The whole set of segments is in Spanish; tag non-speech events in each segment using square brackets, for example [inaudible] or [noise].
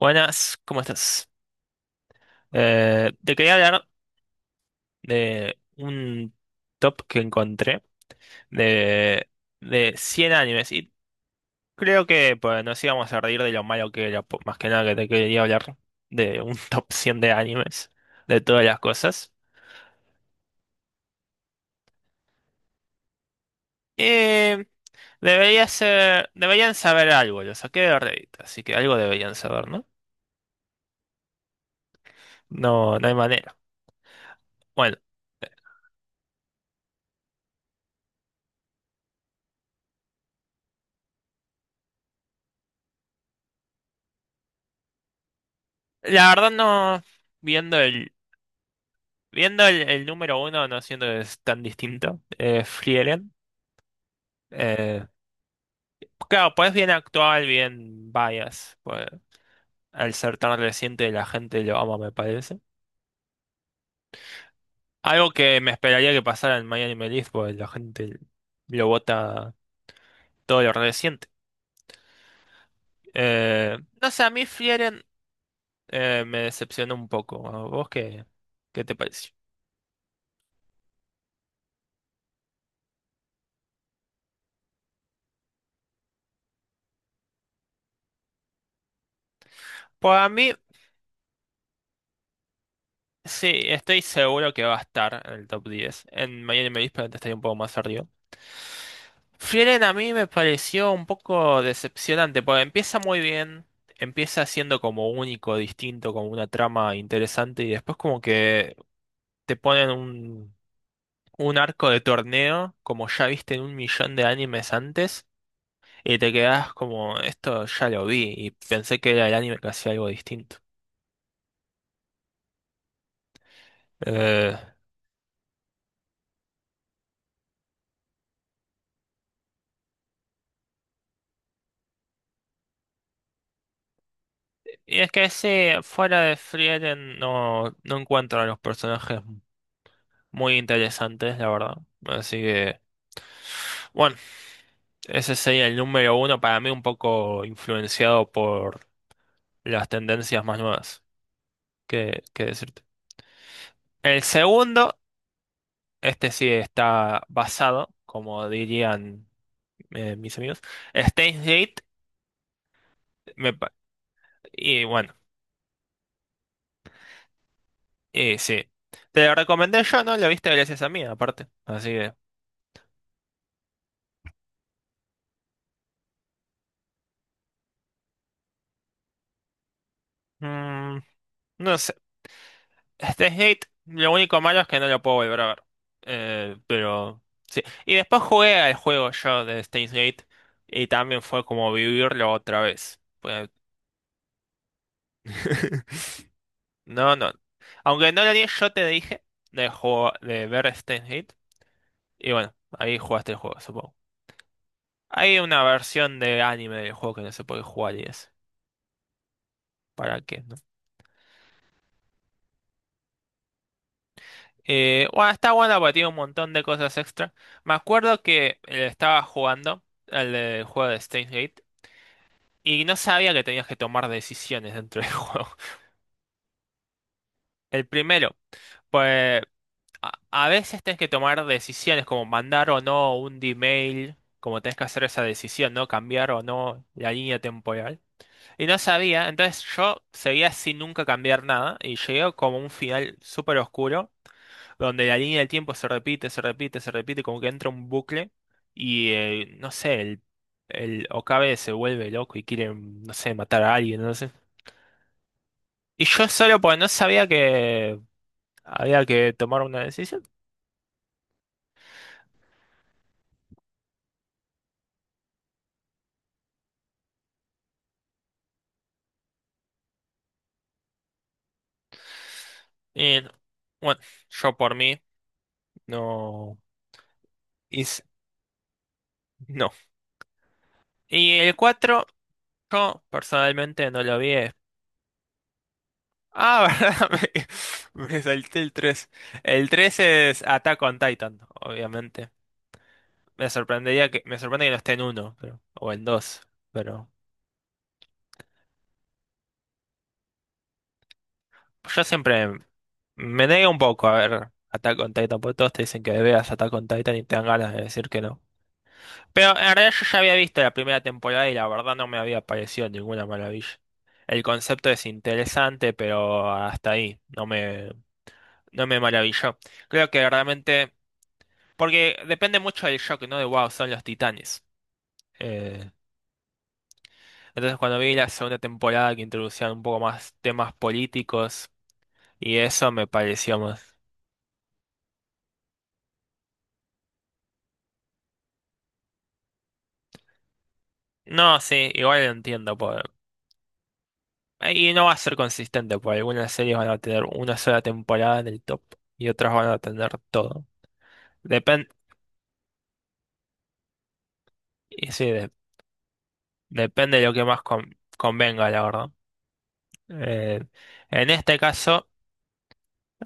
Buenas, ¿cómo estás? Te quería hablar de un top que encontré de, de 100 animes y creo que pues, nos íbamos a reír de lo malo que era, más que nada que te quería hablar de un [laughs] top 100 de animes, de todas las cosas. Y debería ser, deberían saber algo, lo saqué de Reddit, así que algo deberían saber, ¿no? No, no hay manera. Bueno, la verdad no, viendo el Viendo el número uno, no siendo es tan distinto, Frieren, eh, claro, pues bien actual, bien bias, pues, al ser tan reciente la gente lo ama, me parece. Algo que me esperaría que pasara en Miami Melif, pues la gente lo vota todo lo reciente. No sé, a mí Frieren me decepcionó un poco. ¿A ¿Vos qué te pareció? Pues a mí Sí, estoy seguro que va a estar en el top 10. En Miami me probablemente estaría un poco más arriba. Frieren a mí me pareció un poco decepcionante, porque empieza muy bien, empieza siendo como único, distinto, como una trama interesante, y después como que te ponen un arco de torneo, como ya viste en un millón de animes antes, y te quedas como, esto ya lo vi, y pensé que era el anime que hacía algo distinto. Eh, Y es que sí, fuera de Frieren no encuentro a los personajes muy interesantes, la verdad. Así que, bueno, ese sería el número uno para mí un poco influenciado por las tendencias más nuevas. ¿Qué decirte? El segundo, este sí está basado, como dirían mis amigos, Steins Gate. me pa- y bueno, y sí. Te lo recomendé yo, ¿no? Lo viste gracias a mí, aparte. Así que. mm, no sé. Este Gate, lo único malo es que no lo puedo volver a ver. Pero sí. Y después jugué al juego yo de Steins Gate y también fue como vivirlo otra vez. [laughs] No, no. Aunque no lo di, yo te dije de, juego, de ver Steins Gate. Y bueno, ahí jugaste el juego, supongo. Hay una versión de anime del juego que no se puede jugar y es. ¿Para qué? ¿No? Bueno, está bueno porque tiene un montón de cosas extra. Me acuerdo que estaba jugando juego de Steins Gate. Y no sabía que tenías que tomar decisiones dentro del [laughs] juego. El primero, pues a veces tenés que tomar decisiones como mandar o no un D-mail, como tenés que hacer esa decisión, ¿no? Cambiar o no la línea temporal. Y no sabía, entonces yo seguía sin nunca cambiar nada y llegué como a un final súper oscuro, donde la línea del tiempo se repite, se repite, se repite, como que entra un bucle y no sé, el Okabe se vuelve loco y quiere, no sé, matar a alguien, no sé. Y yo solo porque no sabía que había que tomar una decisión. Y no. Bueno, yo por mí no hice, no. Y el 4 yo personalmente no lo vi. Ah, [laughs] verdad, me salté el tres. El tres es Attack on Titan, obviamente. Me sorprende que no esté en 1, o en dos. Pero yo siempre me niego un poco a ver Attack on Titan, porque todos te dicen que veas Attack on Titan y te dan ganas de decir que no. Pero en realidad yo ya había visto la primera temporada y la verdad no me había parecido ninguna maravilla. El concepto es interesante, pero hasta ahí no me maravilló. Creo que realmente, porque depende mucho del shock, ¿no? De wow, son los titanes. Eh, entonces cuando vi la segunda temporada que introducían un poco más temas políticos y eso me pareció más. No, sí, igual lo entiendo. Por. Y no va a ser consistente, porque algunas series van a tener una sola temporada en el top y otras van a tener todo. Depen- Y sí, depende de lo que más convenga, la verdad. Eh, en este caso,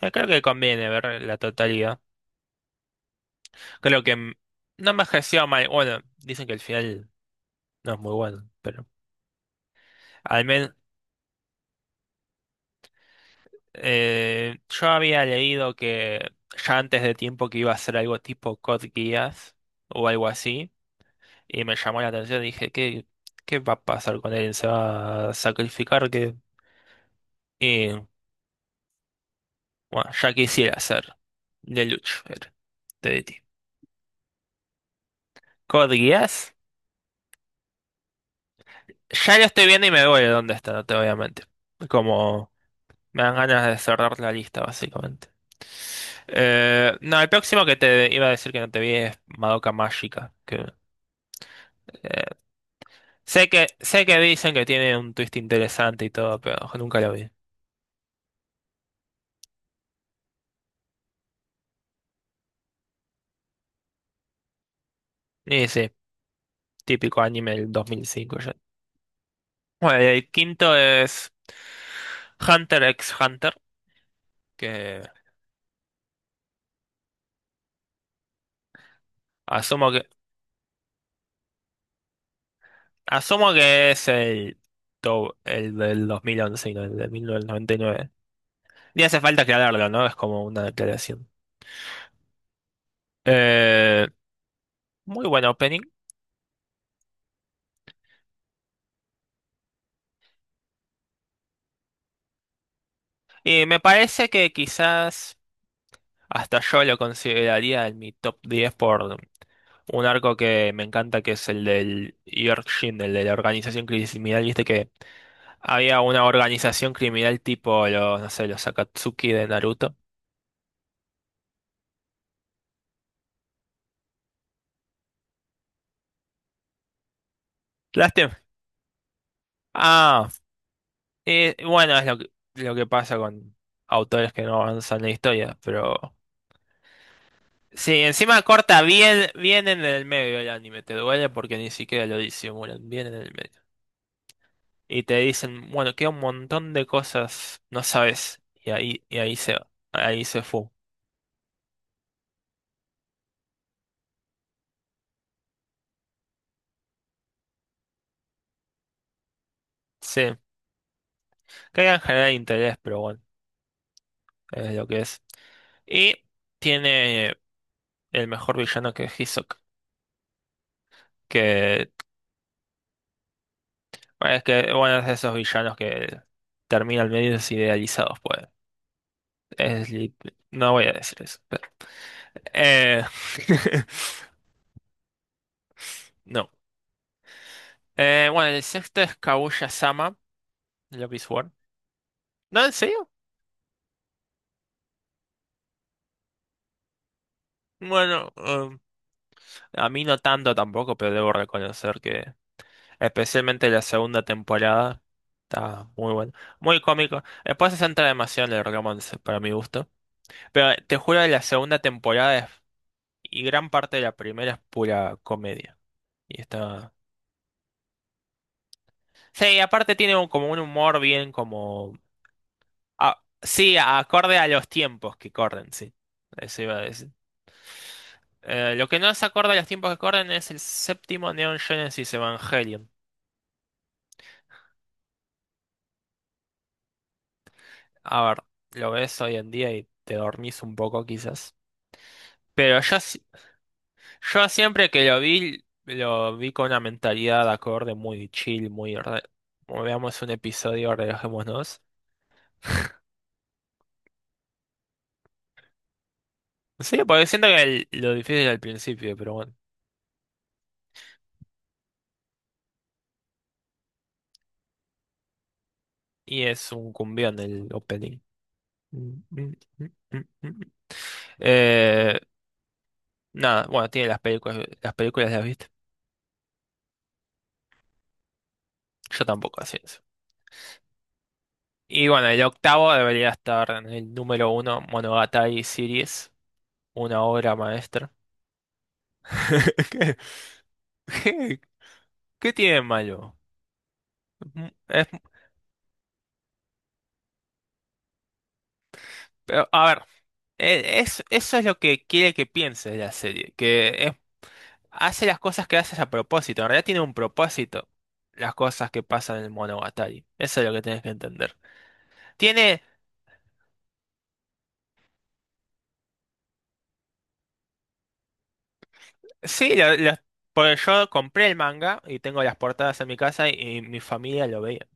creo que conviene ver la totalidad. Creo que no me ejerció mal. Bueno, dicen que el final no es muy bueno, pero al menos yo había leído que ya antes de tiempo que iba a ser algo tipo Code Geass o algo así, y me llamó la atención. Dije, ¿qué va a pasar con él? ¿Se va a sacrificar? ¿Qué? Y bueno, ya quisiera ser Lelouch, era, de DT. ¿Codías? Ya lo estoy viendo y me duele dónde está, no te voy a mentir. Como me dan ganas de cerrar la lista, básicamente. No, el próximo que te iba a decir que no te vi es Madoka Mágica. Que, eh, sé que dicen que tiene un twist interesante y todo, pero nunca lo vi. Y sí, típico anime del 2005 ya. Bueno, y el quinto es Hunter x Hunter, que asumo Asumo que es el del 2011 y no el del 1999. Ni hace falta aclararlo, ¿no? Es como una declaración. Eh, Muy buen opening. Y me parece que quizás hasta yo lo consideraría en mi top 10 por un arco que me encanta, que es el del Yorkshin, el de la organización criminal. Viste que había una organización criminal tipo los, no sé, los Akatsuki de Naruto. Lástima. Ah, bueno, es lo que pasa con autores que no avanzan la historia, pero. Sí, encima corta bien, bien en el medio el anime, te duele porque ni siquiera lo disimulan, bien en el medio. Y te dicen, bueno, queda un montón de cosas, no sabes, ahí se fue. Sí, que en general interés, pero bueno, es lo que es. Y tiene el mejor villano que es Hisoka, que que, bueno, es de esos villanos que terminan medios idealizados, pues. Sleep. No voy a decir eso. Espérate. Eh, [laughs] no. Bueno, el sexto es Kaguya-sama, de Love is War. ¿No, en serio? Bueno, a mí no tanto tampoco, pero debo reconocer que especialmente la segunda temporada está muy buena. Muy cómico. Después se centra demasiado en el romance, para mi gusto. Pero te juro que la segunda temporada y gran parte de la primera es pura comedia. Y está. Sí, aparte tiene como un humor bien como. Ah, sí, acorde a los tiempos que corren, sí. Eso iba a decir. Lo que no es acorde a los tiempos que corren es el séptimo Neon Genesis Evangelion. A ver, lo ves hoy en día y te dormís un poco quizás. Pero yo, yo siempre que lo vi con una mentalidad acorde muy chill, muy, como veamos un episodio, relajémonos. Sí, porque siento que lo difícil al principio, pero bueno. Y es un cumbión el opening. Mm, mm, mm, mm, mm. Eh, Nada, bueno, tiene las películas, las películas las viste. Yo tampoco, así es. Y bueno, el octavo debería estar en el número uno, Monogatari Series, una obra maestra. [laughs] ¿Qué, qué qué tiene de malo? Mm, es- pero, a ver, eso es lo que quiere que piense la serie, que hace las cosas que haces a propósito, en realidad tiene un propósito las cosas que pasan en Monogatari, eso es lo que tienes que entender. Tiene Sí, porque yo compré el manga y tengo las portadas en mi casa y mi familia lo veía.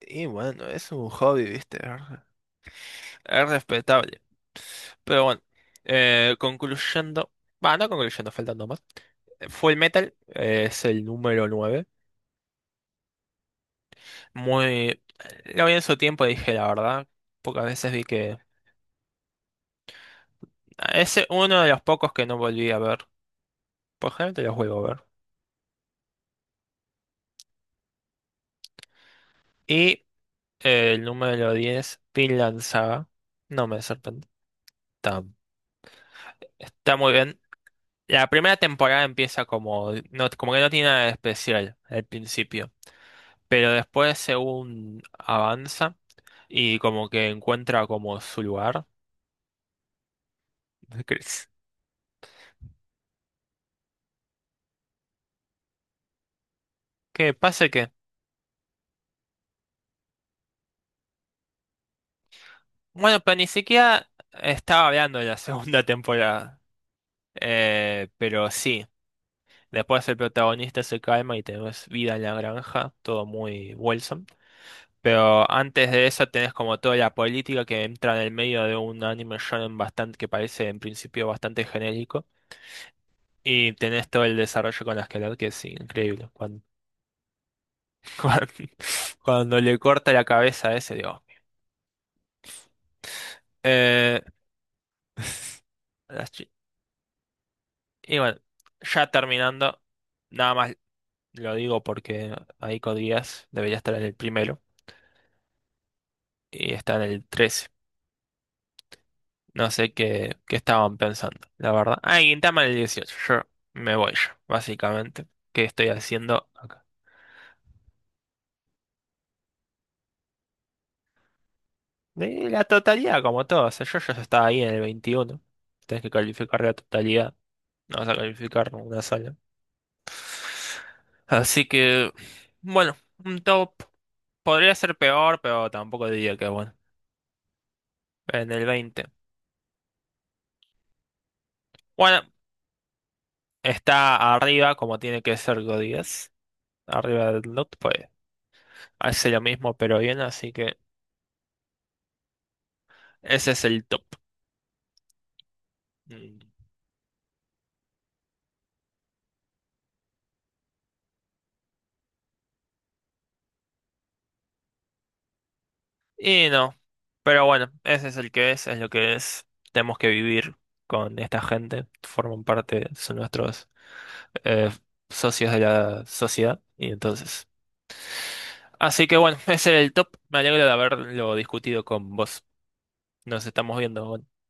Y bueno, es un hobby, ¿viste? Es respetable. Pero bueno, concluyendo, va, no concluyendo, faltando más. Full Metal es el número 9. Muy. Lo vi en su tiempo, dije la verdad. Pocas veces vi que. Es uno de los pocos que no volví a ver. Por generalmente los vuelvo a ver. Y el número 10, Vinland Saga. No me sorprende. Está, está muy bien. La primera temporada empieza como, no, como que no tiene nada de especial al principio, pero después según avanza y como que encuentra como su lugar. [laughs] ¿Crees? ¿Qué pasa que? Bueno, pero ni siquiera estaba hablando de la segunda [laughs] temporada. Pero sí, después el protagonista se calma y tenemos vida en la granja, todo muy Wilson. Pero antes de eso tenés como toda la política que entra en el medio de un anime shonen bastante que parece en principio bastante genérico. Y tenés todo el desarrollo con la Esquelet, que es increíble. Cuando, [laughs] cuando, cuando le corta la cabeza a ese, digo. Eh, [laughs] las chi- y bueno, ya terminando, nada más lo digo porque Aiko Díaz debería estar en el primero y está en el 13. No sé qué estaban pensando, la verdad. Ah, Gintama en el 18. Yo me voy yo, básicamente. ¿Qué estoy haciendo acá? De la totalidad, como todo. O sea, yo ya estaba ahí en el 21. Tienes que calificar la totalidad. No vas a calificar una sola. Así que, bueno, un top. Podría ser peor, pero tampoco diría que bueno. En el 20. Bueno, está arriba, como tiene que ser Godías. Arriba del not, pues hace lo mismo, pero bien. Así que ese es el top. Mm. Y no, pero bueno, ese es el que es lo que es. Tenemos que vivir con esta gente, forman parte, son nuestros eh, socios de la sociedad, y entonces. Así que bueno, [laughs] ese era el top. Me alegro de haberlo discutido con vos. Nos estamos viendo, bueno.